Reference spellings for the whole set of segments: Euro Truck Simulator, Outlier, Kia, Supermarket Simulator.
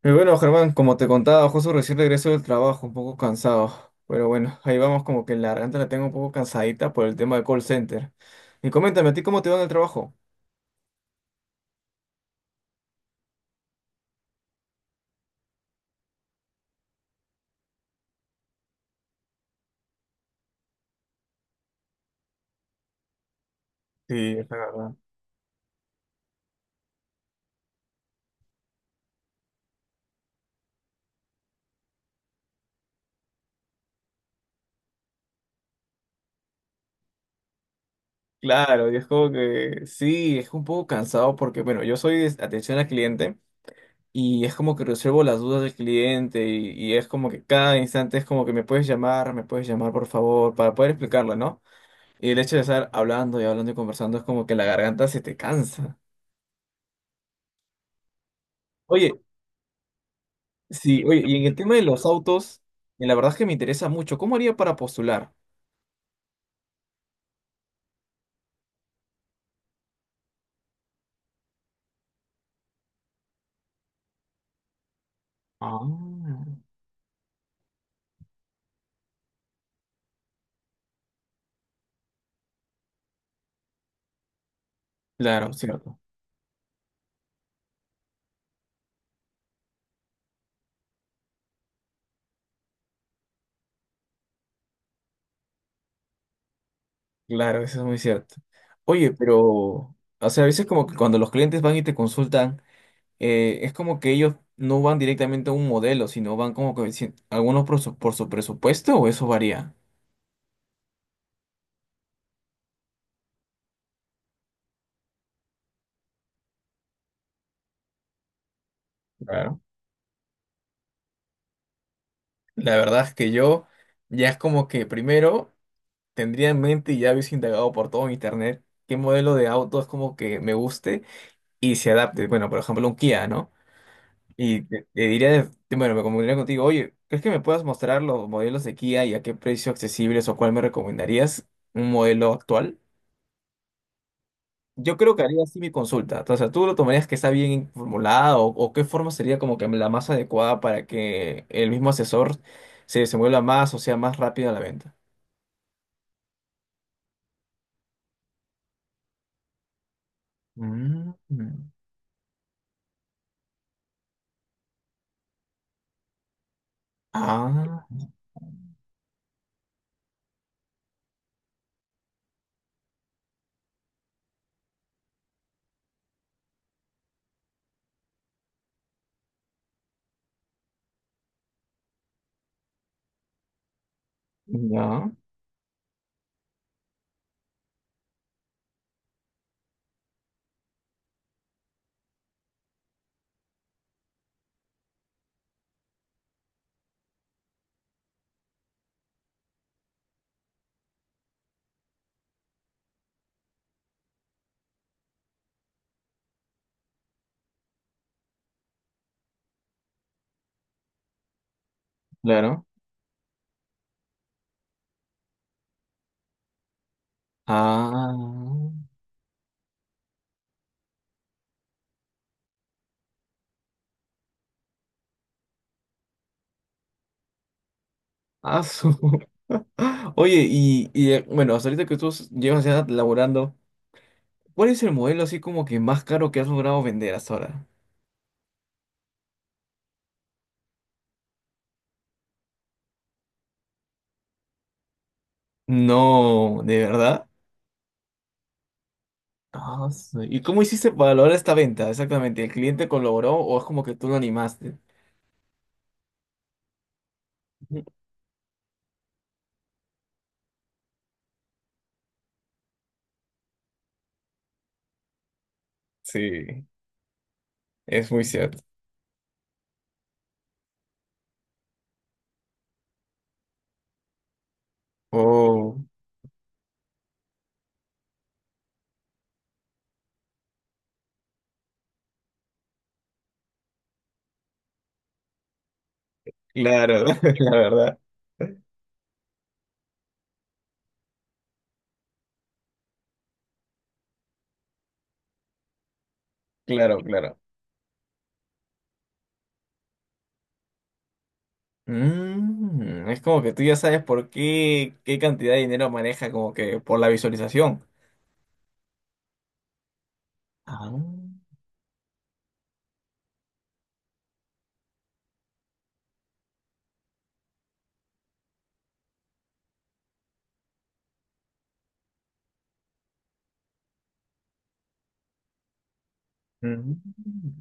Pero bueno, Germán, como te contaba, justo recién regreso del trabajo, un poco cansado. Pero bueno, ahí vamos, como que la garganta la tengo un poco cansadita por el tema del call center. Y coméntame, ¿a ti cómo te va en el trabajo? Sí, es la verdad. Claro, y es como que sí, es un poco cansado porque, bueno, yo soy de atención al cliente y es como que resuelvo las dudas del cliente y es como que cada instante es como que me puedes llamar por favor, para poder explicarlo, ¿no? Y el hecho de estar hablando y hablando y conversando es como que la garganta se te cansa. Oye. Sí, oye, y en el tema de los autos, la verdad es que me interesa mucho. ¿Cómo haría para postular? Ah. Claro, cierto. Claro, eso es muy cierto. Oye, pero, o sea, a veces como que cuando los clientes van y te consultan, es como que ellos no van directamente a un modelo, sino van como que algunos por su presupuesto o eso varía. Claro. La verdad es que yo ya es como que primero tendría en mente y ya hubiese indagado por todo internet qué modelo de auto es como que me guste y se adapte. Bueno, por ejemplo, un Kia, ¿no? Y te diría, bueno, me comunicaría contigo, oye, ¿crees que me puedas mostrar los modelos de Kia y a qué precio accesibles o cuál me recomendarías un modelo actual? Yo creo que haría así mi consulta. O sea, ¿tú lo tomarías que está bien formulada o qué forma sería como que la más adecuada para que el mismo asesor se desenvuelva más o sea más rápido a la venta? Mm. Ah, ya, claro. Ah, ah, su. Oye, y bueno, hasta ahorita que tú llevas ya laborando, ¿cuál es el modelo así como que más caro que has logrado vender hasta ahora? No, ¿de verdad? Ah, sí. ¿Y cómo hiciste para lograr esta venta? Exactamente, ¿el cliente colaboró o es como que tú lo animaste? Sí, es muy cierto. Oh, claro, la verdad. Claro, claro. Mm, es como que tú ya sabes por qué, qué cantidad de dinero maneja, como que por la visualización. Ah. Mm.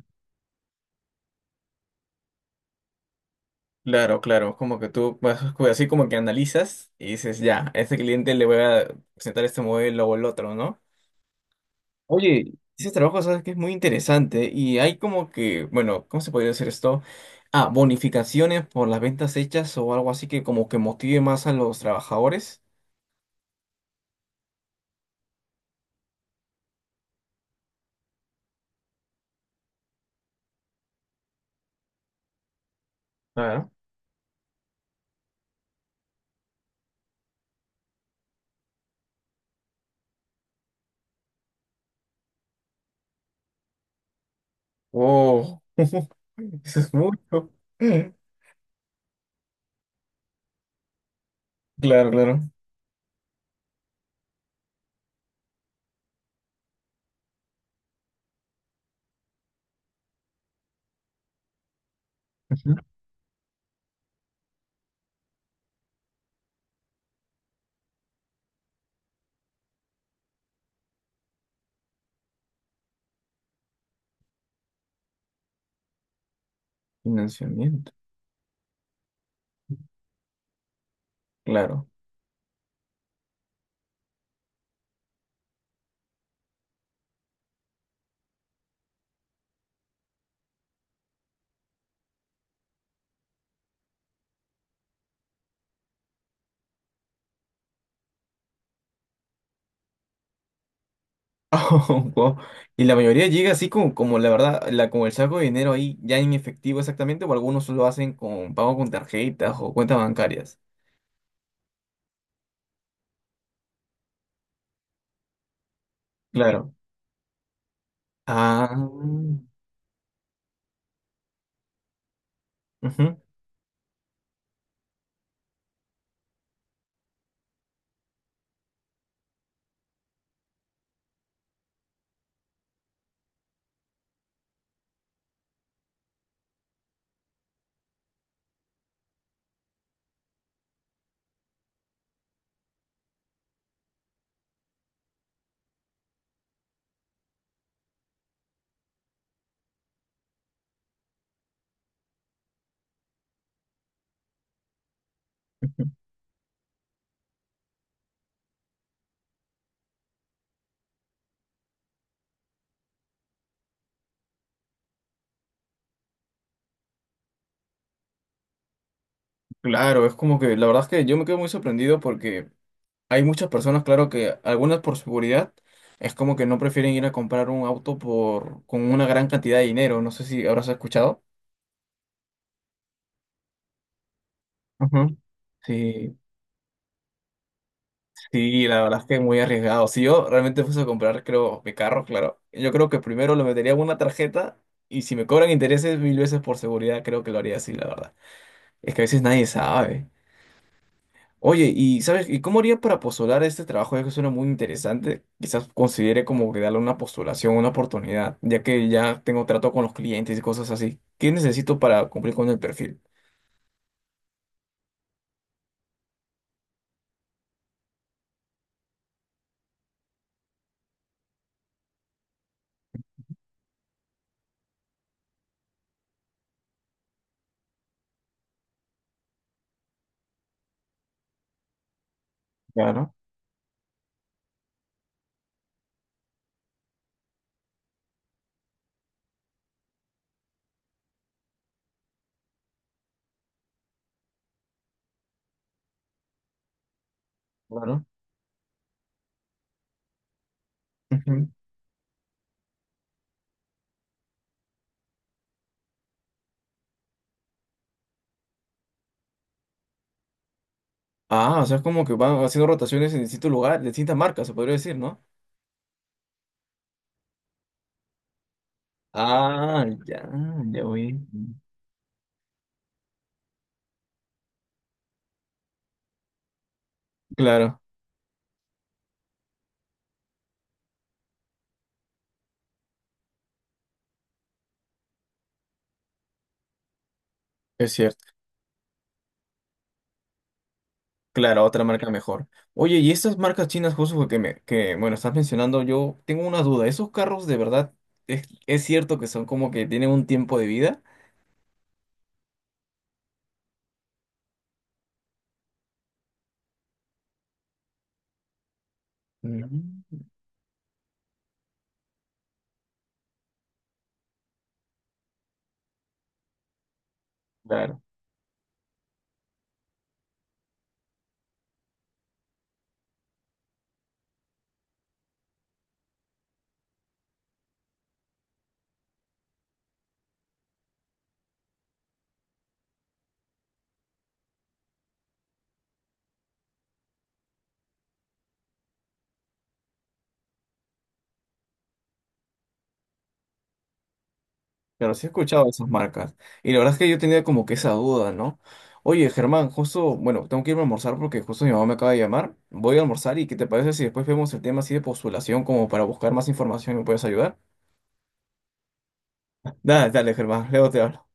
Claro, claro, como que tú vas así como que analizas y dices, ya, a este cliente le voy a presentar este modelo o el otro, ¿no? Oye, ese trabajo, sabes que es muy interesante y hay como que, bueno, ¿cómo se podría decir esto? Ah, bonificaciones por las ventas hechas o algo así que como que motive más a los trabajadores. Claro. Oh, eso es mucho. Claro, claro. Ujú. Financiamiento, claro. Wow. Y la mayoría llega así como, como la verdad, la, como el saco de dinero ahí ya en efectivo exactamente, o algunos lo hacen con pago con tarjetas o cuentas bancarias. Claro. Ah. Ujú. Claro, es como que la verdad es que yo me quedo muy sorprendido porque hay muchas personas, claro que algunas por seguridad, es como que no prefieren ir a comprar un auto por con una gran cantidad de dinero. No sé si habrás escuchado. Ujú. Sí. Sí, la verdad es que es muy arriesgado. Si yo realmente fuese a comprar, creo, mi carro, claro, yo creo que primero lo metería en una tarjeta y si me cobran intereses mil veces por seguridad, creo que lo haría así, la verdad. Es que a veces nadie sabe. Oye, ¿y sabes? ¿Y cómo haría para postular a este trabajo? Ya que suena muy interesante. Quizás considere como que darle una postulación, una oportunidad, ya que ya tengo trato con los clientes y cosas así. ¿Qué necesito para cumplir con el perfil? Claro, claro. Ujú. Ah, o sea, es como que van haciendo rotaciones en distintos lugares, distintas marcas, se podría decir, ¿no? Ah, ya, ya voy. Claro, es cierto. Claro, otra marca mejor. Oye, y estas marcas chinas, justo que me, que, bueno, estás mencionando, yo tengo una duda. ¿Esos carros de verdad es cierto que son como que tienen un tiempo de vida? Mm. Claro, pero sí he escuchado de esas marcas. Y la verdad es que yo tenía como que esa duda, ¿no? Oye, Germán, justo, bueno, tengo que irme a almorzar porque justo mi mamá me acaba de llamar. Voy a almorzar y ¿qué te parece si después vemos el tema así de postulación como para buscar más información y me puedes ayudar? Dale, dale, Germán, luego te hablo.